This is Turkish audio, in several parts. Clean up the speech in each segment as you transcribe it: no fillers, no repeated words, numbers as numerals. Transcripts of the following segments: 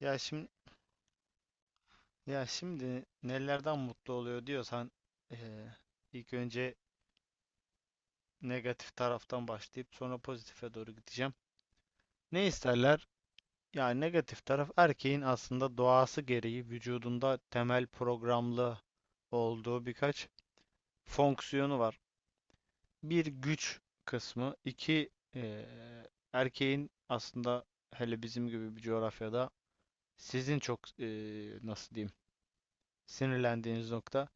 Ya şimdi ya şimdi nelerden mutlu oluyor diyorsan eee, ilk önce negatif taraftan başlayıp sonra pozitife doğru gideceğim. Ne isterler? Yani negatif taraf erkeğin aslında doğası gereği vücudunda temel programlı olduğu birkaç fonksiyonu var. Bir güç kısmı, iki eee, erkeğin aslında hele bizim gibi bir coğrafyada sizin çok nasıl diyeyim, sinirlendiğiniz nokta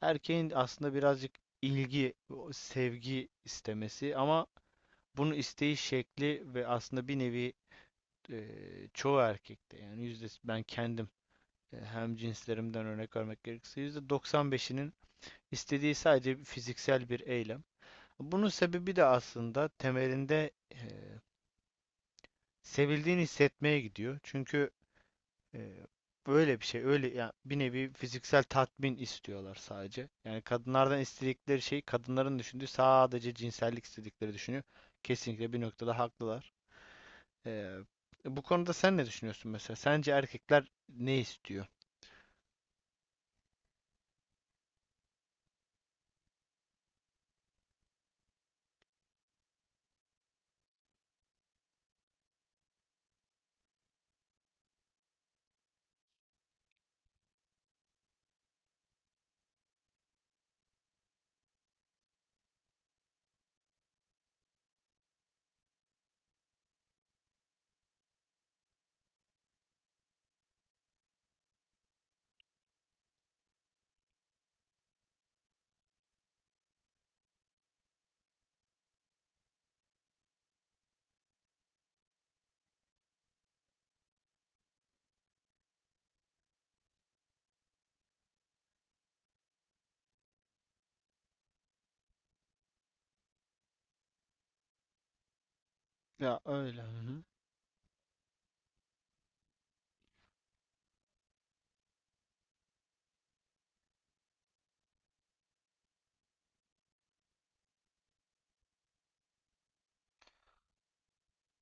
erkeğin aslında birazcık ilgi, sevgi istemesi, ama bunu isteği şekli ve aslında bir nevi çoğu erkekte yani yüzde ben kendim, hem cinslerimden örnek vermek gerekirse %95'inin istediği sadece fiziksel bir eylem. Bunun sebebi de aslında temelinde sevildiğini hissetmeye gidiyor. Çünkü e, böyle bir şey, öyle ya, bir nevi fiziksel tatmin istiyorlar sadece. Yani kadınlardan istedikleri şey, kadınların düşündüğü sadece cinsellik istedikleri düşünüyor. Kesinlikle bir noktada haklılar. E, Bu konuda sen ne düşünüyorsun mesela? Sence erkekler ne istiyor? Ya öyle. Hı hı.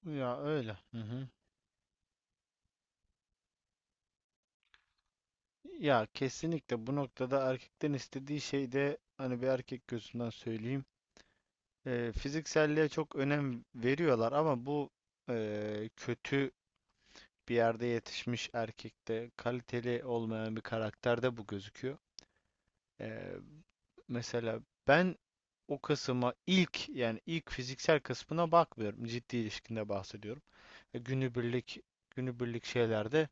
Ya öyle. Hı hı. Ya kesinlikle bu noktada erkekten istediği şey de, hani bir erkek gözünden söyleyeyim, fizikselliğe çok önem veriyorlar ama bu kötü bir yerde yetişmiş erkekte, kaliteli olmayan bir karakterde bu gözüküyor. E, Mesela ben o kısma ilk, yani ilk fiziksel kısmına bakmıyorum. Ciddi ilişkinde bahsediyorum. E, Günübirlik günübirlik şeylerde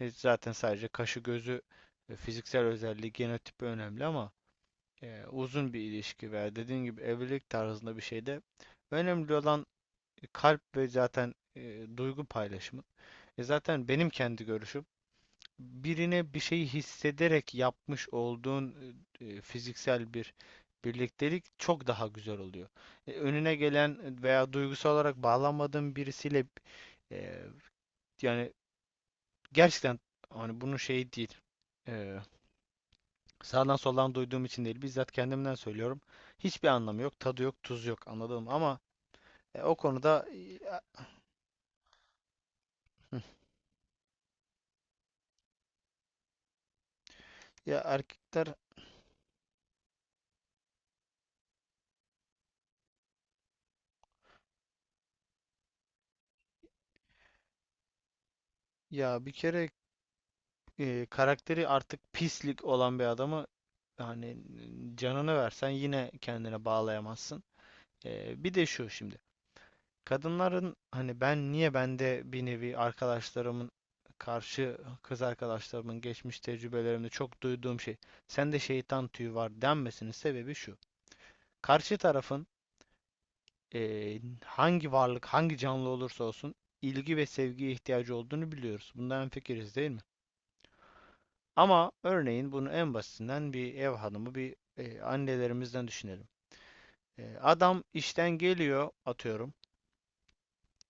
zaten sadece kaşı gözü, fiziksel özelliği, genotipi önemli, ama uzun bir ilişki veya dediğin gibi evlilik tarzında bir şeyde önemli olan kalp ve zaten duygu paylaşımı. Zaten benim kendi görüşüm, birine bir şeyi hissederek yapmış olduğun fiziksel bir birliktelik çok daha güzel oluyor. Önüne gelen veya duygusal olarak bağlanmadığın birisiyle e, yani gerçekten, hani bunun şeyi değil. Ee, Sağdan soldan duyduğum için değil. Bizzat kendimden söylüyorum. Hiçbir anlamı yok. Tadı yok. Tuzu yok. Anladım ama o konuda, ya, ya erkekler, ya bir kere karakteri artık pislik olan bir adamı, hani canını versen yine kendine bağlayamazsın. Bir de şu şimdi. Kadınların, hani ben niye, bende bir nevi arkadaşlarımın, karşı kız arkadaşlarımın geçmiş tecrübelerimde çok duyduğum şey, sende şeytan tüyü var denmesinin sebebi şu. Karşı tarafın, hangi varlık hangi canlı olursa olsun, ilgi ve sevgiye ihtiyacı olduğunu biliyoruz. Bundan hemfikiriz değil mi? Ama örneğin bunu en basitinden bir ev hanımı, bir annelerimizden düşünelim. Adam işten geliyor, atıyorum.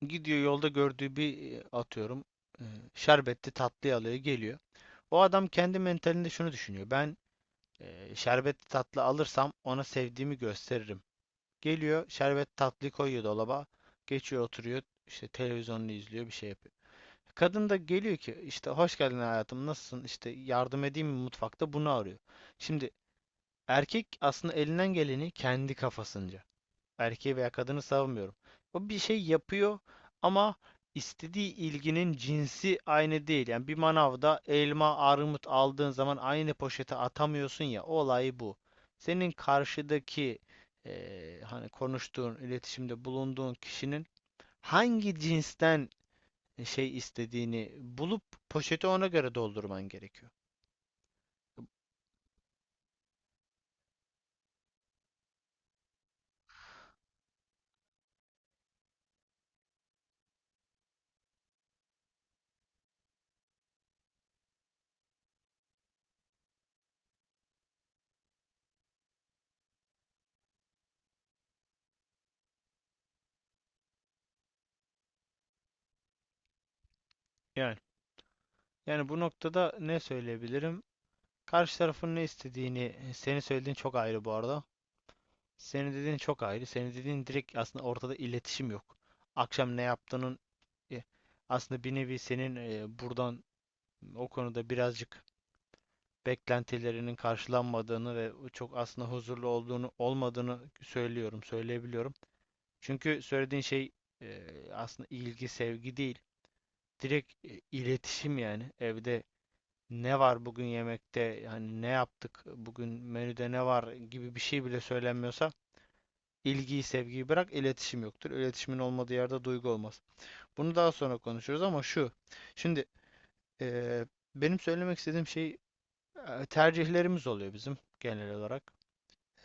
Gidiyor yolda gördüğü bir, atıyorum e, şerbetli tatlı alıyor, geliyor. O adam kendi mentalinde şunu düşünüyor: ben şerbetli tatlı alırsam ona sevdiğimi gösteririm. Geliyor şerbet tatlıyı koyuyor dolaba. Geçiyor oturuyor, işte televizyonunu izliyor, bir şey yapıyor. Kadın da geliyor ki işte hoş geldin hayatım, nasılsın, işte yardım edeyim mi mutfakta, bunu arıyor. Şimdi erkek aslında elinden geleni kendi kafasınca, erkeği veya kadını savunmuyorum, o bir şey yapıyor, ama istediği ilginin cinsi aynı değil. Yani bir manavda elma, armut aldığın zaman aynı poşete atamıyorsun ya, olay bu. Senin karşıdaki hani konuştuğun, iletişimde bulunduğun kişinin hangi cinsten şey istediğini bulup poşeti ona göre doldurman gerekiyor. Yani yani bu noktada ne söyleyebilirim? Karşı tarafın ne istediğini, senin söylediğin çok ayrı bu arada. Senin dediğin çok ayrı. Senin dediğin direkt, aslında ortada iletişim yok. Akşam ne yaptığının e, aslında bir nevi senin buradan o konuda birazcık beklentilerinin karşılanmadığını ve o çok aslında huzurlu olduğunu olmadığını söylüyorum, söyleyebiliyorum. Çünkü söylediğin şey e, aslında ilgi, sevgi değil. Direkt iletişim yani. Evde ne var bugün yemekte, yani ne yaptık bugün, menüde ne var gibi bir şey bile söylenmiyorsa, İlgiyi, sevgiyi bırak, iletişim yoktur. İletişimin olmadığı yerde duygu olmaz. Bunu daha sonra konuşuruz ama şu. Şimdi eee, benim söylemek istediğim şey, tercihlerimiz oluyor bizim genel olarak.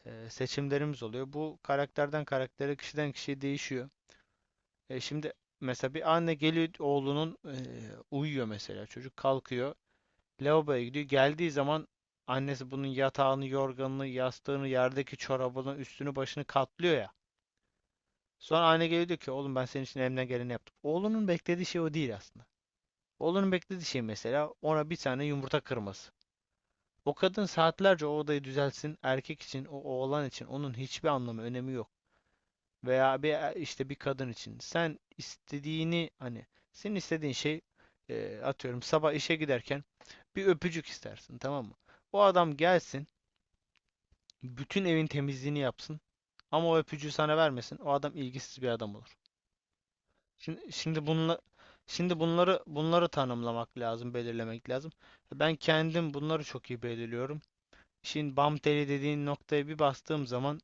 Seçimlerimiz oluyor. Bu karakterden karaktere, kişiden kişiye değişiyor. Şimdi mesela bir anne geliyor, oğlunun uyuyor mesela çocuk, kalkıyor. Lavaboya gidiyor. Geldiği zaman annesi bunun yatağını, yorganını, yastığını, yerdeki çorabını, üstünü, başını katlıyor ya. Sonra anne geliyor diyor ki oğlum ben senin için elimden geleni yaptım. Oğlunun beklediği şey o değil aslında. Oğlunun beklediği şey mesela ona bir tane yumurta kırması. O kadın saatlerce o odayı düzelsin. Erkek için, o oğlan için onun hiçbir anlamı, önemi yok. Veya bir işte bir kadın için. Sen istediğini, hani senin istediğin şey, atıyorum sabah işe giderken bir öpücük istersin, tamam mı? O adam gelsin, bütün evin temizliğini yapsın ama o öpücüğü sana vermesin. O adam ilgisiz bir adam olur. Şimdi, şimdi bunla, şimdi bunları tanımlamak lazım, belirlemek lazım. Ben kendim bunları çok iyi belirliyorum. İşin bam teli dediğin noktaya bir bastığım zaman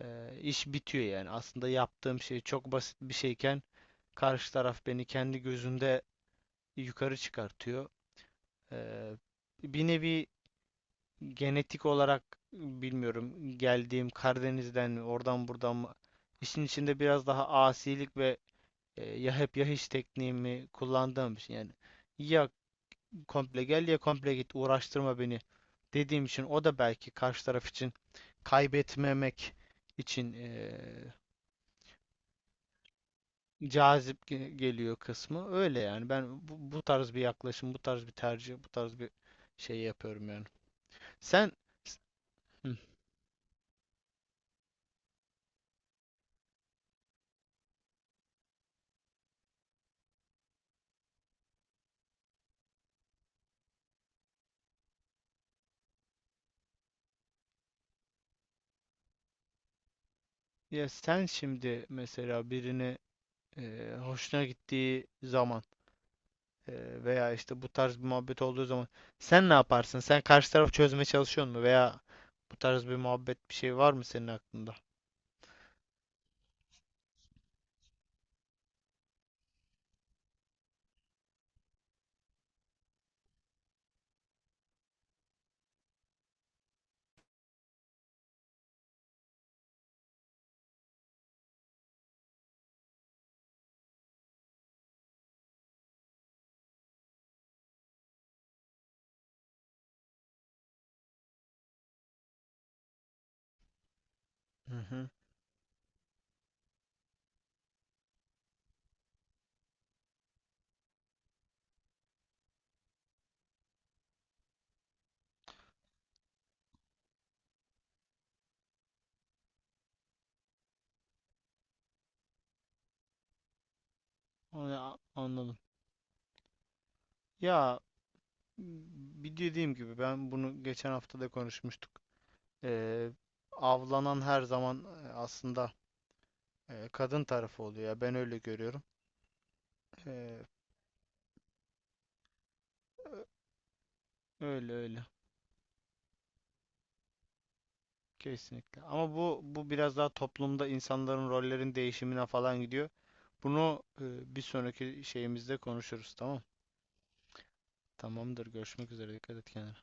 e, iş bitiyor yani. Aslında yaptığım şey çok basit bir şeyken karşı taraf beni kendi gözünde yukarı çıkartıyor. E, Bir nevi genetik olarak, bilmiyorum, geldiğim Karadeniz'den mi, oradan buradan mı, işin içinde biraz daha asilik ve, ya hep ya hiç tekniğimi kullandığım için, yani ya komple gel ya komple git, uğraştırma beni dediğim için, o da belki karşı taraf için kaybetmemek için cazip geliyor kısmı. Öyle yani, ben bu tarz bir yaklaşım, bu tarz bir tercih, bu tarz bir şey yapıyorum yani. Sen. Hı. Ya sen şimdi mesela birini hoşuna gittiği zaman, veya işte bu tarz bir muhabbet olduğu zaman sen ne yaparsın? Sen karşı tarafı çözmeye çalışıyor mu? Veya bu tarz bir muhabbet, bir şey var mı senin aklında? Hı hı. Onu anladım. Ya bir dediğim gibi, ben bunu geçen hafta da konuşmuştuk. Ee, Avlanan her zaman aslında kadın tarafı oluyor ya, ben öyle görüyorum. Ee, öyle öyle. Kesinlikle. Ama bu biraz daha toplumda insanların rollerin değişimine falan gidiyor. Bunu bir sonraki şeyimizde konuşuruz, tamam? Tamamdır. Görüşmek üzere. Dikkat et kendine.